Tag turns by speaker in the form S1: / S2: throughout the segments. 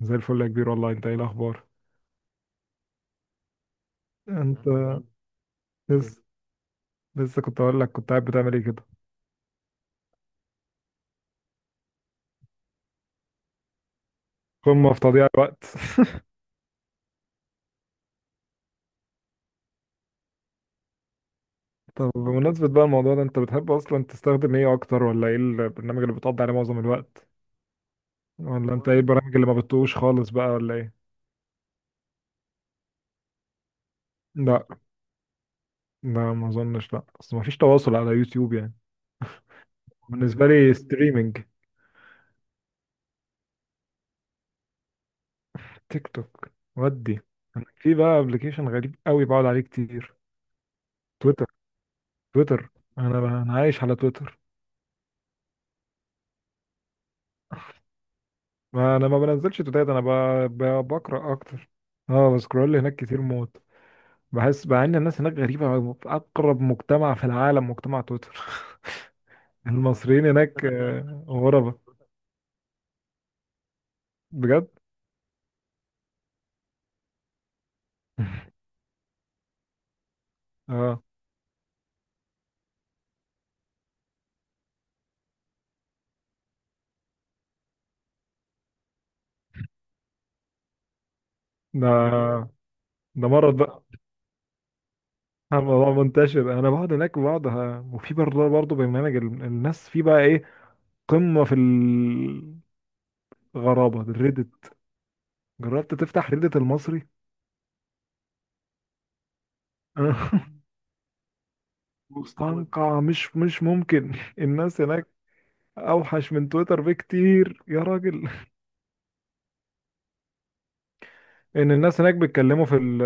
S1: زي الفل يا كبير، والله انت ايه الاخبار؟ انت الحمد لله كله. لسه لسه كنت اقول لك، كنت قاعد بتعمل ايه كده؟ قمة في تضييع الوقت. طب بمناسبة بقى الموضوع ده، انت بتحب اصلا تستخدم ايه اكتر، ولا ايه البرنامج اللي بتقضي عليه معظم الوقت؟ ولا انت ايه والله، البرامج اللي ما بتطوش خالص بقى، ولا ايه؟ لا، لا ما اظنش، لا اصل ما فيش تواصل على يوتيوب يعني. بالنسبة لي بالظبط ستريمينج. تيك توك ودي. انا في بقى ابلكيشن غريب قوي بقعد عليه كتير. تويتر. تويتر. انا بقى انا عايش على تويتر. ما انا ما بنزلش توتات، بقرا اكتر. اه، بسكرول هناك كتير موت. بحس مع ان الناس هناك غريبه، في اقرب مجتمع في العالم مجتمع تويتر. المصريين هناك غربه. بجد. اه، ده ده مرض بقى. الموضوع منتشر، انا بقعد هناك بقعد وفي برضه برنامج الناس في بقى ايه؟ قمه في الغرابه، الريدت. جربت تفتح ريدت المصري؟ مستنقع، مش ممكن. الناس هناك اوحش من تويتر بكتير يا راجل. ان الناس هناك بيتكلموا في ال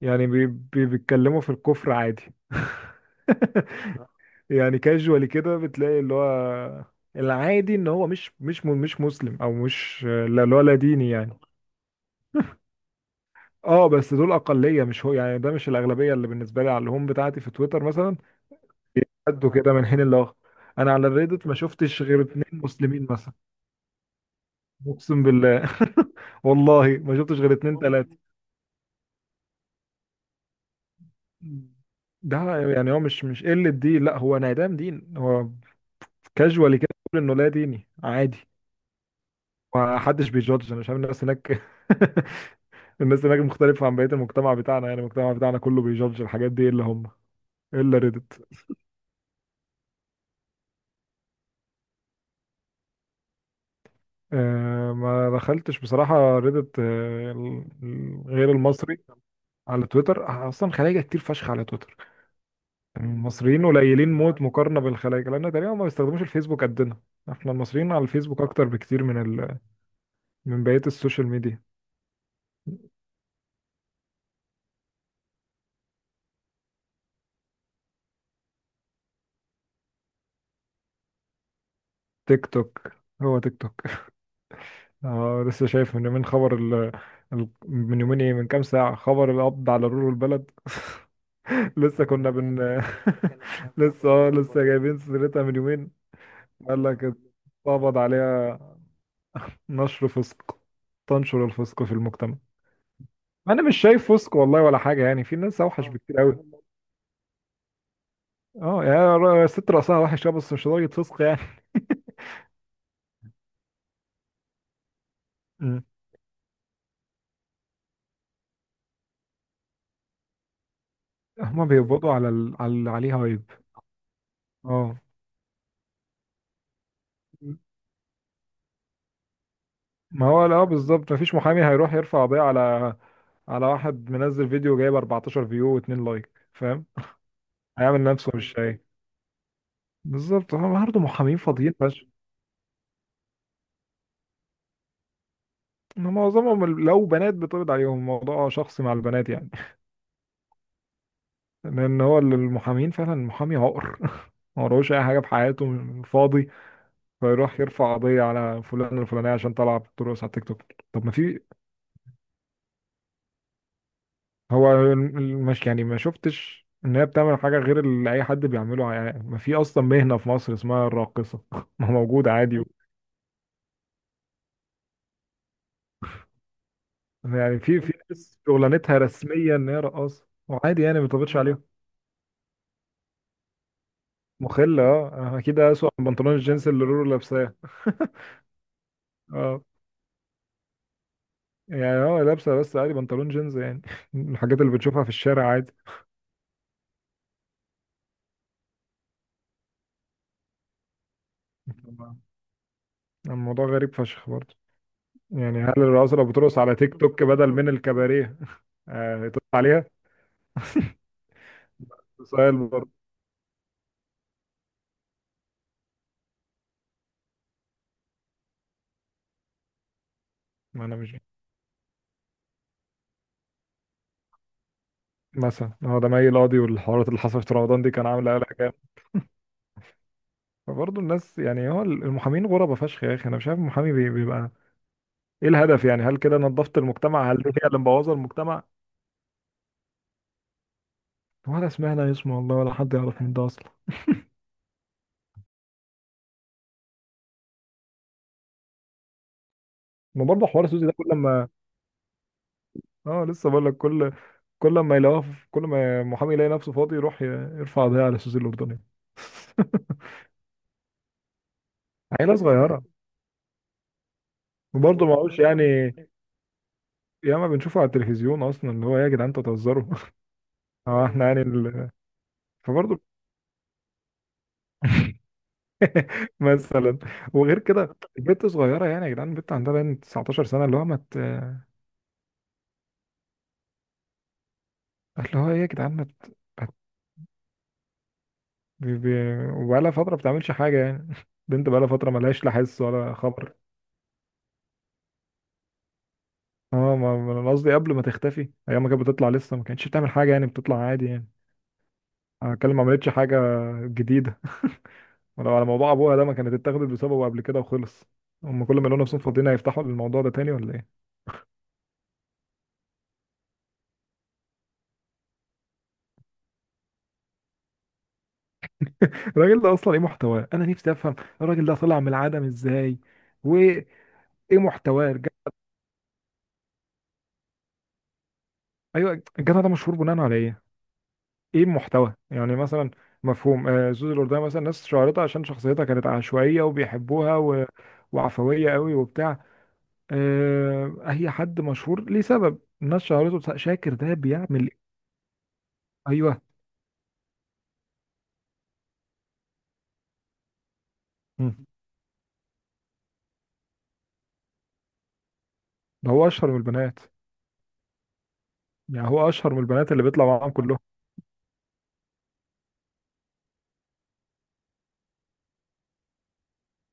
S1: يعني بي بي بيتكلموا في الكفر عادي. يعني كاجوالي كده، بتلاقي اللي هو العادي ان هو مش مسلم، او مش، لا، اللي هو لا ديني يعني. اه، بس دول اقليه، مش هو يعني، ده مش الاغلبيه اللي بالنسبه لي على الهوم بتاعتي في تويتر مثلا. بيقدوا كده من حين لاخر. انا على الريدت ما شفتش غير اتنين مسلمين مثلا. اقسم بالله. والله ما شفتش غير اتنين تلاته. ده يعني هو مش قلة دين، لا، هو انعدام دين هو. كاجوالي كده بيقول انه لا ديني عادي. ومحدش بيجادج، انا مش عارف الناس هناك. الناس هناك مختلفة عن بقية المجتمع بتاعنا، يعني المجتمع بتاعنا كله بيجادج الحاجات دي الا هم. الا ريدت. آه، ما دخلتش بصراحة ريدت، غير المصري. على تويتر اصلا خلايجة كتير فشخ على تويتر. المصريين قليلين موت مقارنة بالخلايجة، لان تقريبا ما بيستخدموش الفيسبوك قدنا. احنا المصريين على الفيسبوك اكتر بكتير من بقية السوشيال ميديا. تيك توك. هو تيك توك. اه، لسه شايف من يومين خبر ال... ال... من يومين ايه من كام ساعة خبر القبض على رول البلد. لسه كنا بن لسه جايبين سيرتها من يومين. قال لك اتقبض عليها، نشر فسق، تنشر الفسق في المجتمع. انا مش شايف فسق والله ولا حاجة، يعني في ناس اوحش بكتير قوي. اه، يعني ست رأسها وحش، بس مش لدرجة فسق يعني. مم. هما بيقبضوا على على اللي عليه هايب. اه، ما هو لا بالظبط، مفيش محامي هيروح يرفع قضية على واحد منزل فيديو جايب 14 فيو و2 لايك، فاهم؟ هيعمل نفسه مش شايف. بالظبط، هم برضه محامين فاضيين فشخ. إن معظمهم لو بنات بتقبض عليهم، الموضوع شخصي مع البنات يعني. لان هو المحامين فعلا، المحامي عقر. ما وراهوش اي حاجه في حياته، فاضي، فيروح يرفع قضيه على فلان الفلانيه عشان طلع بترقص على التيك توك. طب ما في. هو مش يعني، ما شفتش ان هي بتعمل حاجه غير اللي اي حد بيعمله يعني، ما في اصلا مهنه في مصر اسمها الراقصه. ما موجود عادي. يعني في ناس شغلانتها رسميا ان هي رقاصه وعادي يعني، ما تقبضش عليهم. مخله، اكيد اسوأ من بنطلون الجينز اللي رورو لابساه. اه، يعني هو لابسه بس عادي بنطلون جينز يعني. الحاجات اللي بتشوفها في الشارع عادي. طبعاً. الموضوع غريب فشخ برضه. يعني هل الرقاصه لو بترقص على تيك توك بدل من الكباريه، تقطع عليها؟ سؤال برضه. ما انا مش، مثلا هو ده مي القاضي والحوارات اللي حصلت في رمضان دي، كان عامل قلق جامد. فبرضه الناس يعني، هو المحامين غربة فشخ يا اخي، انا مش عارف المحامي بيبقى ايه الهدف يعني؟ هل كده نظفت المجتمع؟ هل دي هي اللي مبوظه المجتمع؟ ولا سمعنا اسمه والله، ولا حد يعرف مين ده اصلا. ما برضه حوار سوزي ده كل ما، اه، لسه بقول لك، كل ما محامي يلاقي نفسه فاضي يروح يرفع قضيه على سوزي الاردنيه. عيله صغيره. وبرضه ما هوش يعني، ياما بنشوفه على التلفزيون اصلا، اللي هو إيه يا جدعان، انتوا بتهزروا. اه، احنا يعني فبرضه، مثلا، وغير كده البنت صغيره يعني، يا جدعان البنت عندها باين 19 سنه، اللي هو ما مت... اللي هو ايه يا جدعان، ما مت... مت... بقالها فتره ما بتعملش حاجه يعني. بنت بقالها فتره ما لهاش لا حس ولا خبر. اه، ما انا قصدي قبل ما تختفي ايام، ما كانت بتطلع لسه، ما كانتش بتعمل حاجه يعني، بتطلع عادي يعني. انا بتكلم ما عملتش حاجه جديده. ولو على موضوع ابوها ده، ما كانت اتاخدت بسببه قبل كده وخلص. هم كل ما يلاقوا نفسهم فاضيين هيفتحوا الموضوع ده تاني، ولا ايه؟ الراجل ده اصلا ايه محتواه، انا نفسي افهم. الراجل ده طلع من العدم ازاي؟ وايه محتواه ايوه، الجدع ده مشهور بناء على ايه؟ ايه المحتوى يعني مثلا؟ مفهوم، زوز الاردن مثلا، ناس شهرتها عشان شخصيتها كانت عشوائيه وبيحبوها و... وعفويه قوي وبتاع. هي حد مشهور ليه سبب الناس شهرته، شاكر ده بيعمل إيه؟ ايوه. مم. ده هو اشهر من البنات، يعني هو اشهر من البنات اللي بيطلع معاهم كلهم.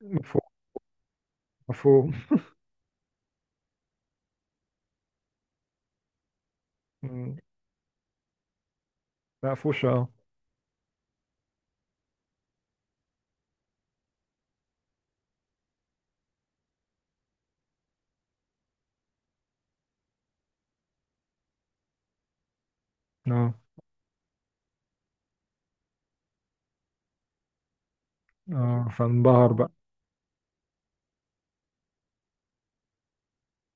S1: مفهوم. مفهوم. مم. مقفوشه، اه. اه. اه، فانبهر بقى.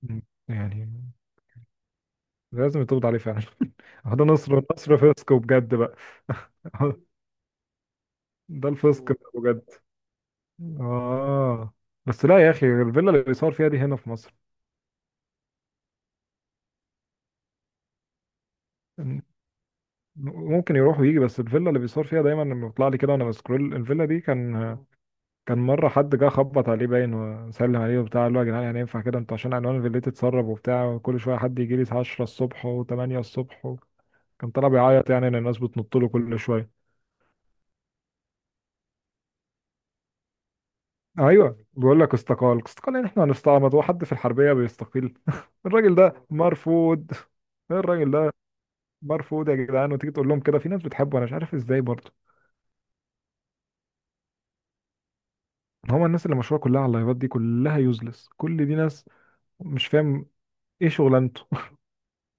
S1: مم. يعني لازم يتقبض عليه فعلا. هو ده نصر فسق بجد بقى. ده الفسق بقى بجد. اه. بس لا يا اخي، الفيلا اللي بيصور فيها دي هنا في مصر. م- ممكن يروح ويجي، بس الفيلا اللي بيصور فيها دايما لما بيطلع لي كده وانا بسكرول، الفيلا دي كان مره حد جه خبط عليه باين وسلم عليه وبتاع، قال له يا جدعان يعني ينفع كده انتوا، عشان عنوان الفيلا تتسرب وبتاع وكل شويه حد يجي لي 10 الصبح و8 الصبح و... كان طلع بيعيط يعني ان الناس بتنط له كل شويه. ايوه بيقول لك استقال استقال يعني، احنا هنستعمد وحد في الحربيه بيستقيل. الراجل ده مرفوض. الراجل ده مرفوض يا جدعان، وتيجي تقول لهم كده في ناس بتحبه، انا مش عارف ازاي برضه. هما الناس اللي مشهوره كلها على اللايفات دي كلها يوزلس، كل دي ناس مش فاهم ايه شغلانته.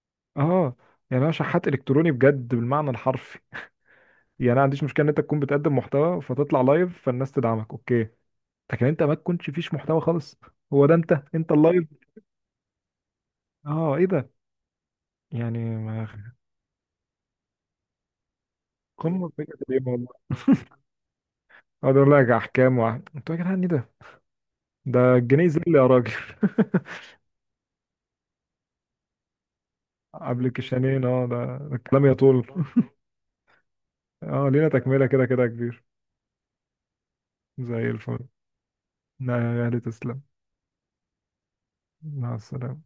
S1: اه، يعني انا شحات الكتروني بجد بالمعنى الحرفي. يعني انا ما عنديش مشكله ان انت تكون بتقدم محتوى فتطلع لايف فالناس تدعمك، اوكي. لكن انت ما تكونش فيش محتوى خالص، هو ده انت انت اللايف. اه، ايه ده؟ يعني ما قمه بجد. اقعد اقول لك احكام انتوا يا جدعان ايه ده؟ ده الجنيه زل يا راجل. قبل كيشانين، ده الكلام يطول. اه، لينا تكملة كده كده يا كبير. زي الفل. لا يا اهلي، تسلم. مع السلامة.